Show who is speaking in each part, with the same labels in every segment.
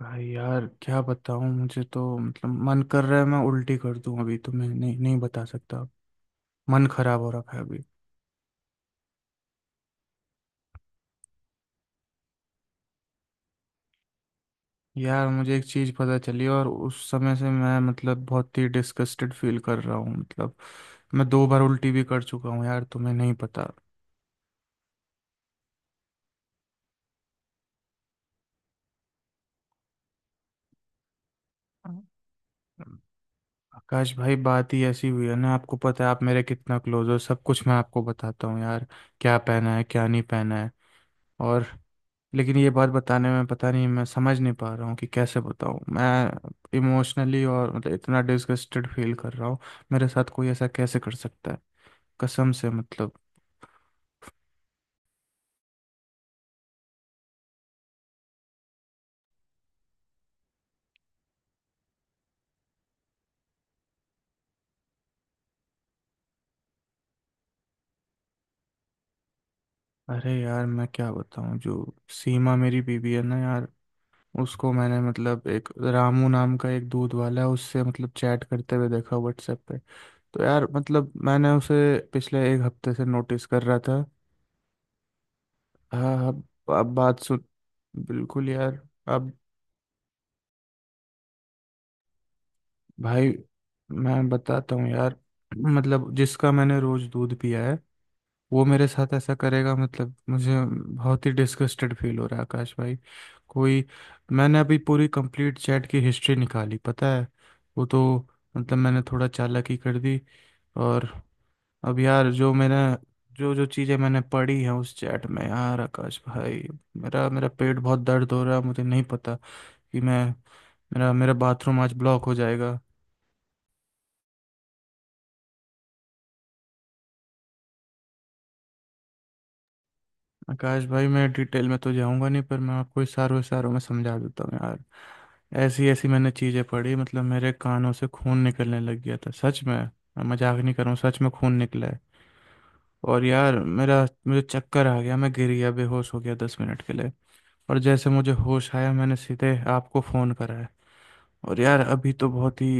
Speaker 1: भाई यार, क्या बताऊं। मुझे तो मतलब मन कर रहा है मैं उल्टी कर दूं। अभी तो मैं नहीं नहीं बता सकता। मन खराब हो रखा है अभी। यार, मुझे एक चीज पता चली, और उस समय से मैं मतलब बहुत ही डिस्गस्टेड फील कर रहा हूँ, मतलब। मैं 2 बार उल्टी भी कर चुका हूँ यार, तुम्हें नहीं पता। आकाश भाई, बात ही ऐसी हुई है ना। आपको पता है आप मेरे कितना क्लोज हो, सब कुछ मैं आपको बताता हूँ यार। क्या पहना है, क्या नहीं पहना है, और। लेकिन ये बात बताने में पता नहीं, मैं समझ नहीं पा रहा हूँ कि कैसे बताऊँ। मैं इमोशनली और मतलब इतना डिसगस्टेड फील कर रहा हूँ। मेरे साथ कोई ऐसा कैसे कर सकता है? कसम से, मतलब। अरे यार, मैं क्या बताऊँ। जो सीमा मेरी बीवी है ना यार, उसको मैंने मतलब एक, रामू नाम का एक दूध वाला है, उससे मतलब चैट करते हुए देखा व्हाट्सएप पे। तो यार मतलब, मैंने उसे पिछले एक हफ्ते से नोटिस कर रहा था। हाँ। अब बात सुन। बिल्कुल यार। अब भाई, मैं बताता हूँ यार। मतलब, जिसका मैंने रोज दूध पिया है, वो मेरे साथ ऐसा करेगा? मतलब मुझे बहुत ही डिस्गस्टेड फील हो रहा है आकाश भाई। कोई। मैंने अभी पूरी कंप्लीट चैट की हिस्ट्री निकाली, पता है। वो तो मतलब, मैंने थोड़ा चालाकी कर दी। और अब यार, जो जो चीज़ें मैंने पढ़ी हैं उस चैट में यार आकाश भाई, मेरा मेरा पेट बहुत दर्द हो रहा है। मुझे नहीं पता कि मैं, मेरा मेरा बाथरूम आज ब्लॉक हो जाएगा। आकाश भाई, मैं डिटेल में तो जाऊंगा नहीं, पर मैं आपको इशारों इशारों में समझा देता हूँ यार। ऐसी ऐसी मैंने चीज़ें पढ़ी, मतलब मेरे कानों से खून निकलने लग गया था। सच में, मैं मजाक नहीं कर रहा हूँ, सच में खून निकला है। और यार, मेरा मुझे चक्कर आ गया, मैं गिर गया, बेहोश हो गया 10 मिनट के लिए। और जैसे मुझे होश आया, मैंने सीधे आपको फ़ोन करा है। और यार अभी तो बहुत ही।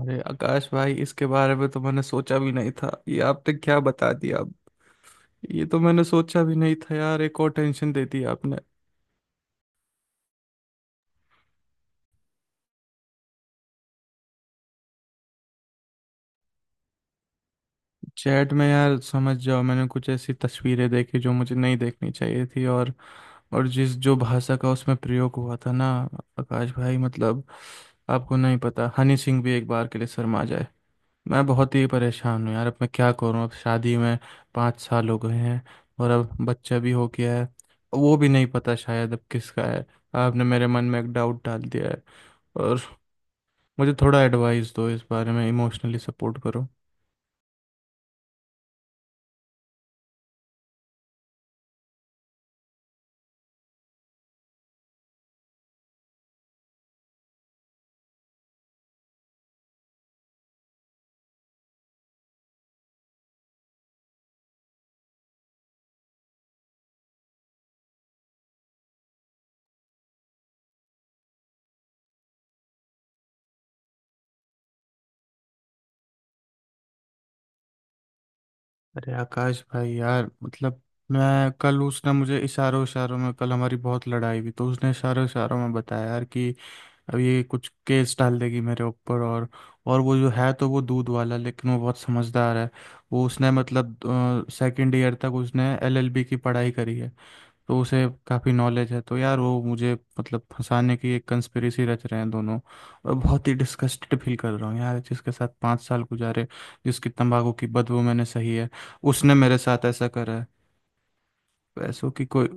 Speaker 1: अरे आकाश भाई, इसके बारे में तो मैंने सोचा भी नहीं था। ये आपने क्या बता दिया अब। ये तो मैंने सोचा भी नहीं था यार, एक और टेंशन दे दी आपने। चैट में यार, समझ जाओ, मैंने कुछ ऐसी तस्वीरें देखी जो मुझे नहीं देखनी चाहिए थी। और जिस जो भाषा का उसमें प्रयोग हुआ था ना, आकाश भाई मतलब, आपको नहीं पता, हनी सिंह भी एक बार के लिए शर्मा जाए। मैं बहुत ही परेशान हूँ यार। अब मैं क्या करूँ। अब शादी में 5 साल हो गए हैं, और अब बच्चा भी हो गया है। वो भी नहीं पता शायद अब किसका है। आपने मेरे मन में एक डाउट डाल दिया है। और मुझे थोड़ा एडवाइस दो इस बारे में, इमोशनली सपोर्ट करो। अरे आकाश भाई यार, मतलब, मैं कल उसने मुझे इशारों इशारों में, कल हमारी बहुत लड़ाई हुई तो उसने इशारों इशारों में बताया यार कि अब ये कुछ केस डाल देगी मेरे ऊपर। और वो जो है, तो वो दूध वाला, लेकिन वो बहुत समझदार है। वो उसने मतलब सेकंड ईयर तक उसने एलएलबी की पढ़ाई करी है। तो उसे काफ़ी नॉलेज है। तो यार, वो मुझे मतलब फंसाने की एक कंस्पिरेसी रच रहे हैं दोनों। और बहुत ही डिस्गस्टेड फील कर रहा हूँ यार, जिसके साथ 5 साल गुजारे, जिसकी तंबाकू की बदबू मैंने सही है, उसने मेरे साथ ऐसा करा है। पैसों की कोई।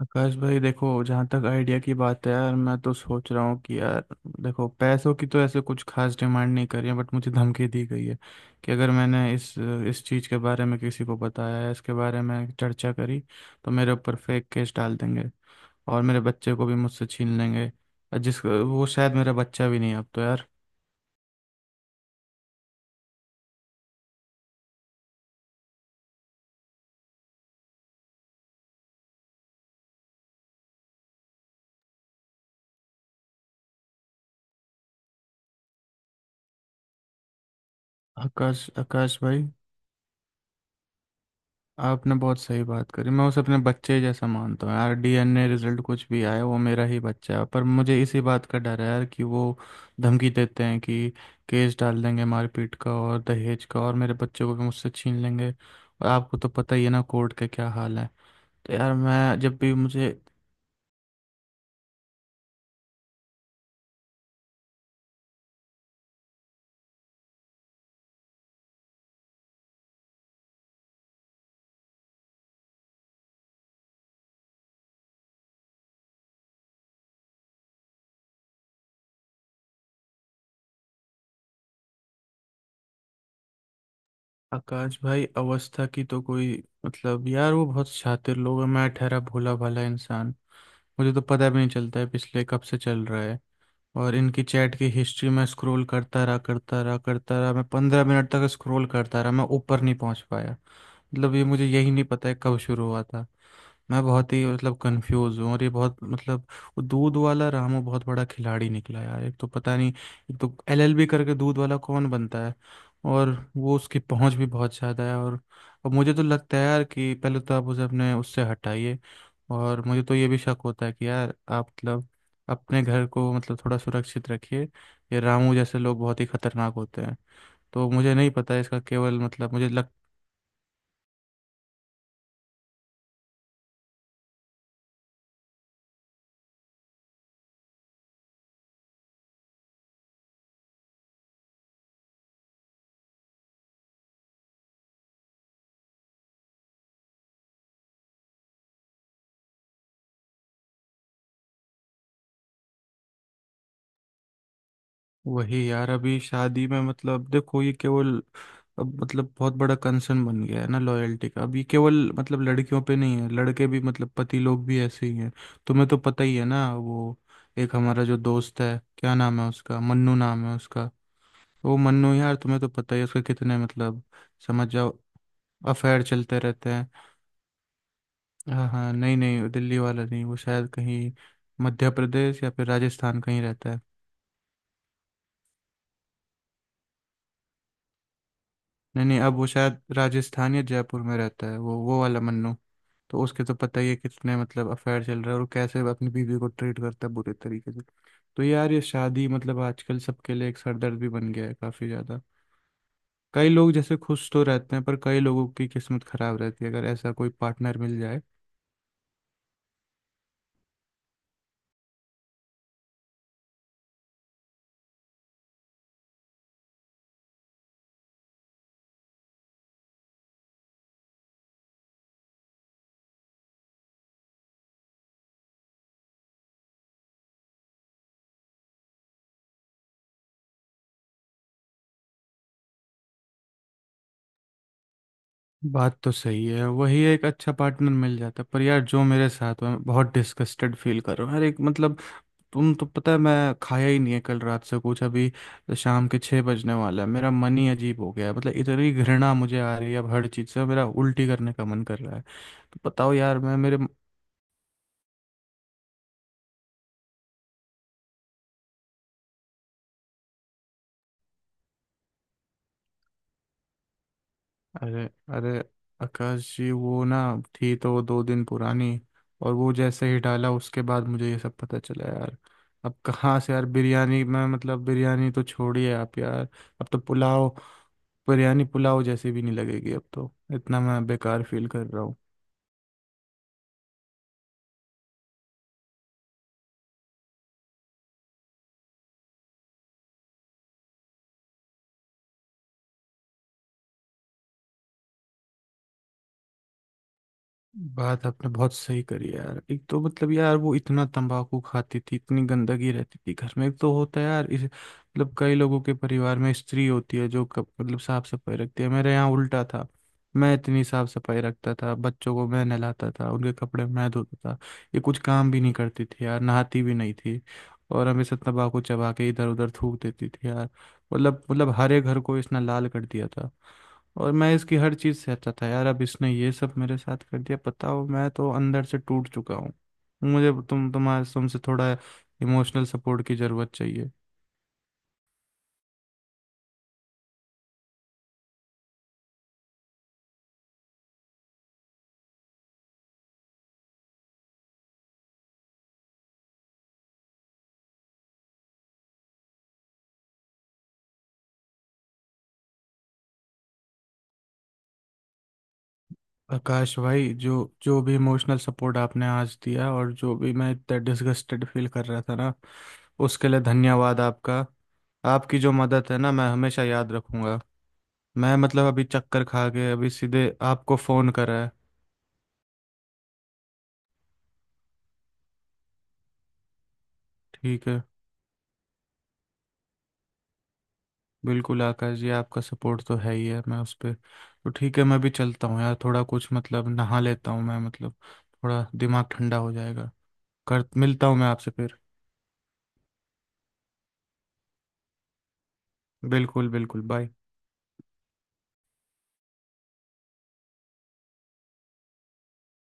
Speaker 1: आकाश भाई देखो, जहाँ तक आइडिया की बात है यार, मैं तो सोच रहा हूँ कि यार देखो, पैसों की तो ऐसे कुछ खास डिमांड नहीं करी है, बट मुझे धमकी दी गई है कि अगर मैंने इस चीज़ के बारे में किसी को बताया है, इसके बारे में चर्चा करी, तो मेरे ऊपर फेक केस डाल देंगे, और मेरे बच्चे को भी मुझसे छीन लेंगे। और जिस वो शायद मेरा बच्चा भी नहीं है अब तो यार। आकाश आकाश भाई, आपने बहुत सही बात करी। मैं उसे अपने बच्चे जैसा मानता हूँ यार, डीएनए रिजल्ट कुछ भी आए, वो मेरा ही बच्चा है। पर मुझे इसी बात का डर है यार कि वो धमकी देते हैं कि केस डाल देंगे मारपीट का और दहेज का, और मेरे बच्चे को भी मुझसे छीन लेंगे। और आपको तो पता ही है ना कोर्ट का क्या हाल है। तो यार मैं जब भी मुझे। आकाश भाई, अवस्था की तो कोई, मतलब यार, वो बहुत शातिर लोग है, मैं ठहरा भोला भाला इंसान। मुझे तो पता भी नहीं चलता है, पिछले कब से चल रहा है। और इनकी चैट की हिस्ट्री मैं स्क्रॉल करता रहा करता रहा करता रहा, मैं 15 मिनट तक स्क्रॉल करता रहा, मैं ऊपर नहीं पहुंच पाया। मतलब ये, मुझे यही नहीं पता है कब शुरू हुआ था। मैं बहुत ही मतलब कंफ्यूज हूँ। और ये बहुत मतलब, वो दूध वाला रामू बहुत बड़ा खिलाड़ी निकला यार। एक तो पता नहीं, एक तो एलएलबी करके दूध वाला कौन बनता है। और वो, उसकी पहुंच भी बहुत ज़्यादा है। और अब मुझे तो लगता है यार कि पहले तो आप उसे अपने, उससे हटाइए। और मुझे तो ये भी शक होता है कि यार आप मतलब अपने घर को मतलब थोड़ा सुरक्षित रखिए। ये रामू जैसे लोग बहुत ही खतरनाक होते हैं। तो मुझे नहीं पता इसका, केवल मतलब मुझे लगता। वही यार, अभी शादी में मतलब देखो, ये केवल अब मतलब बहुत बड़ा कंसर्न बन गया है ना लॉयल्टी का। अब ये केवल मतलब लड़कियों पे नहीं है, लड़के भी मतलब, पति लोग भी ऐसे ही हैं। तुम्हें तो पता ही है ना, वो एक हमारा जो दोस्त है, क्या नाम है उसका, मन्नू नाम है उसका। वो मन्नू यार, तुम्हें तो पता ही है उसके कितने मतलब, समझ जाओ, अफेयर चलते रहते हैं। हाँ हाँ, नहीं नहीं, वो दिल्ली वाला नहीं, वो शायद कहीं मध्य प्रदेश या फिर राजस्थान कहीं रहता है। नहीं नहीं, अब वो शायद राजस्थान या जयपुर में रहता है, वो वाला मन्नू। तो उसके तो पता ही है कितने मतलब अफेयर चल रहा है, और वो कैसे अपनी बीवी को ट्रीट करता है बुरे तरीके से। तो यार, ये शादी मतलब आजकल सबके लिए एक सरदर्द भी बन गया है काफी ज्यादा। कई लोग जैसे खुश तो रहते हैं, पर कई लोगों की किस्मत खराब रहती है अगर ऐसा कोई पार्टनर मिल जाए। बात तो सही है, वही, एक अच्छा पार्टनर मिल जाता। पर यार, जो मेरे साथ हुआ, मैं बहुत डिस्कस्टेड फील कर रहा हूँ यार, एक मतलब, तुम तो पता है, मैं खाया ही नहीं है कल रात से कुछ, अभी तो शाम के 6 बजने वाला है। मेरा मन ही अजीब हो गया है, मतलब इतनी घृणा मुझे आ रही है अब हर चीज़ से। मेरा उल्टी करने का मन कर रहा है। तो बताओ यार मैं मेरे। अरे अरे आकाश जी, वो ना, थी तो 2 दिन पुरानी, और वो जैसे ही डाला उसके बाद मुझे ये सब पता चला यार। अब कहाँ से यार बिरयानी में, मतलब बिरयानी तो छोड़िए आप यार। अब तो पुलाव, बिरयानी पुलाव जैसी भी नहीं लगेगी अब तो, इतना मैं बेकार फील कर रहा हूँ। बात आपने बहुत सही करी यार, एक तो मतलब यार, वो इतना तंबाकू खाती थी, इतनी गंदगी रहती थी घर में। एक तो होता है यार इस मतलब, कई लोगों के परिवार में स्त्री होती है जो कप, मतलब साफ सफाई रखती है। मेरे यहाँ उल्टा था, मैं इतनी साफ सफाई रखता था, बच्चों को मैं नहलाता था, उनके कपड़े मैं धोता था। ये कुछ काम भी नहीं करती थी यार, नहाती भी नहीं थी, और हमेशा तंबाकू चबा के इधर उधर थूक देती थी यार। मतलब, हरे घर को इसने लाल कर दिया था। और मैं इसकी हर चीज़ से अच्छा था यार। अब इसने ये सब मेरे साथ कर दिया, पता हो, मैं तो अंदर से टूट चुका हूँ। मुझे तुमसे थोड़ा इमोशनल सपोर्ट की ज़रूरत चाहिए। आकाश भाई, जो जो भी इमोशनल सपोर्ट आपने आज दिया, और जो भी, मैं इतना डिसगस्टेड फील कर रहा था ना, उसके लिए धन्यवाद आपका। आपकी जो मदद है ना, मैं हमेशा याद रखूंगा। मैं मतलब अभी चक्कर खा के अभी सीधे आपको फ़ोन करा है। ठीक है, बिल्कुल आकाश जी, आपका सपोर्ट तो है ही है, मैं उस पर तो ठीक है। मैं भी चलता हूँ यार, थोड़ा कुछ मतलब नहा लेता हूँ मैं, मतलब थोड़ा दिमाग ठंडा हो जाएगा। कर मिलता हूँ मैं आपसे फिर। बिल्कुल बिल्कुल। बाय।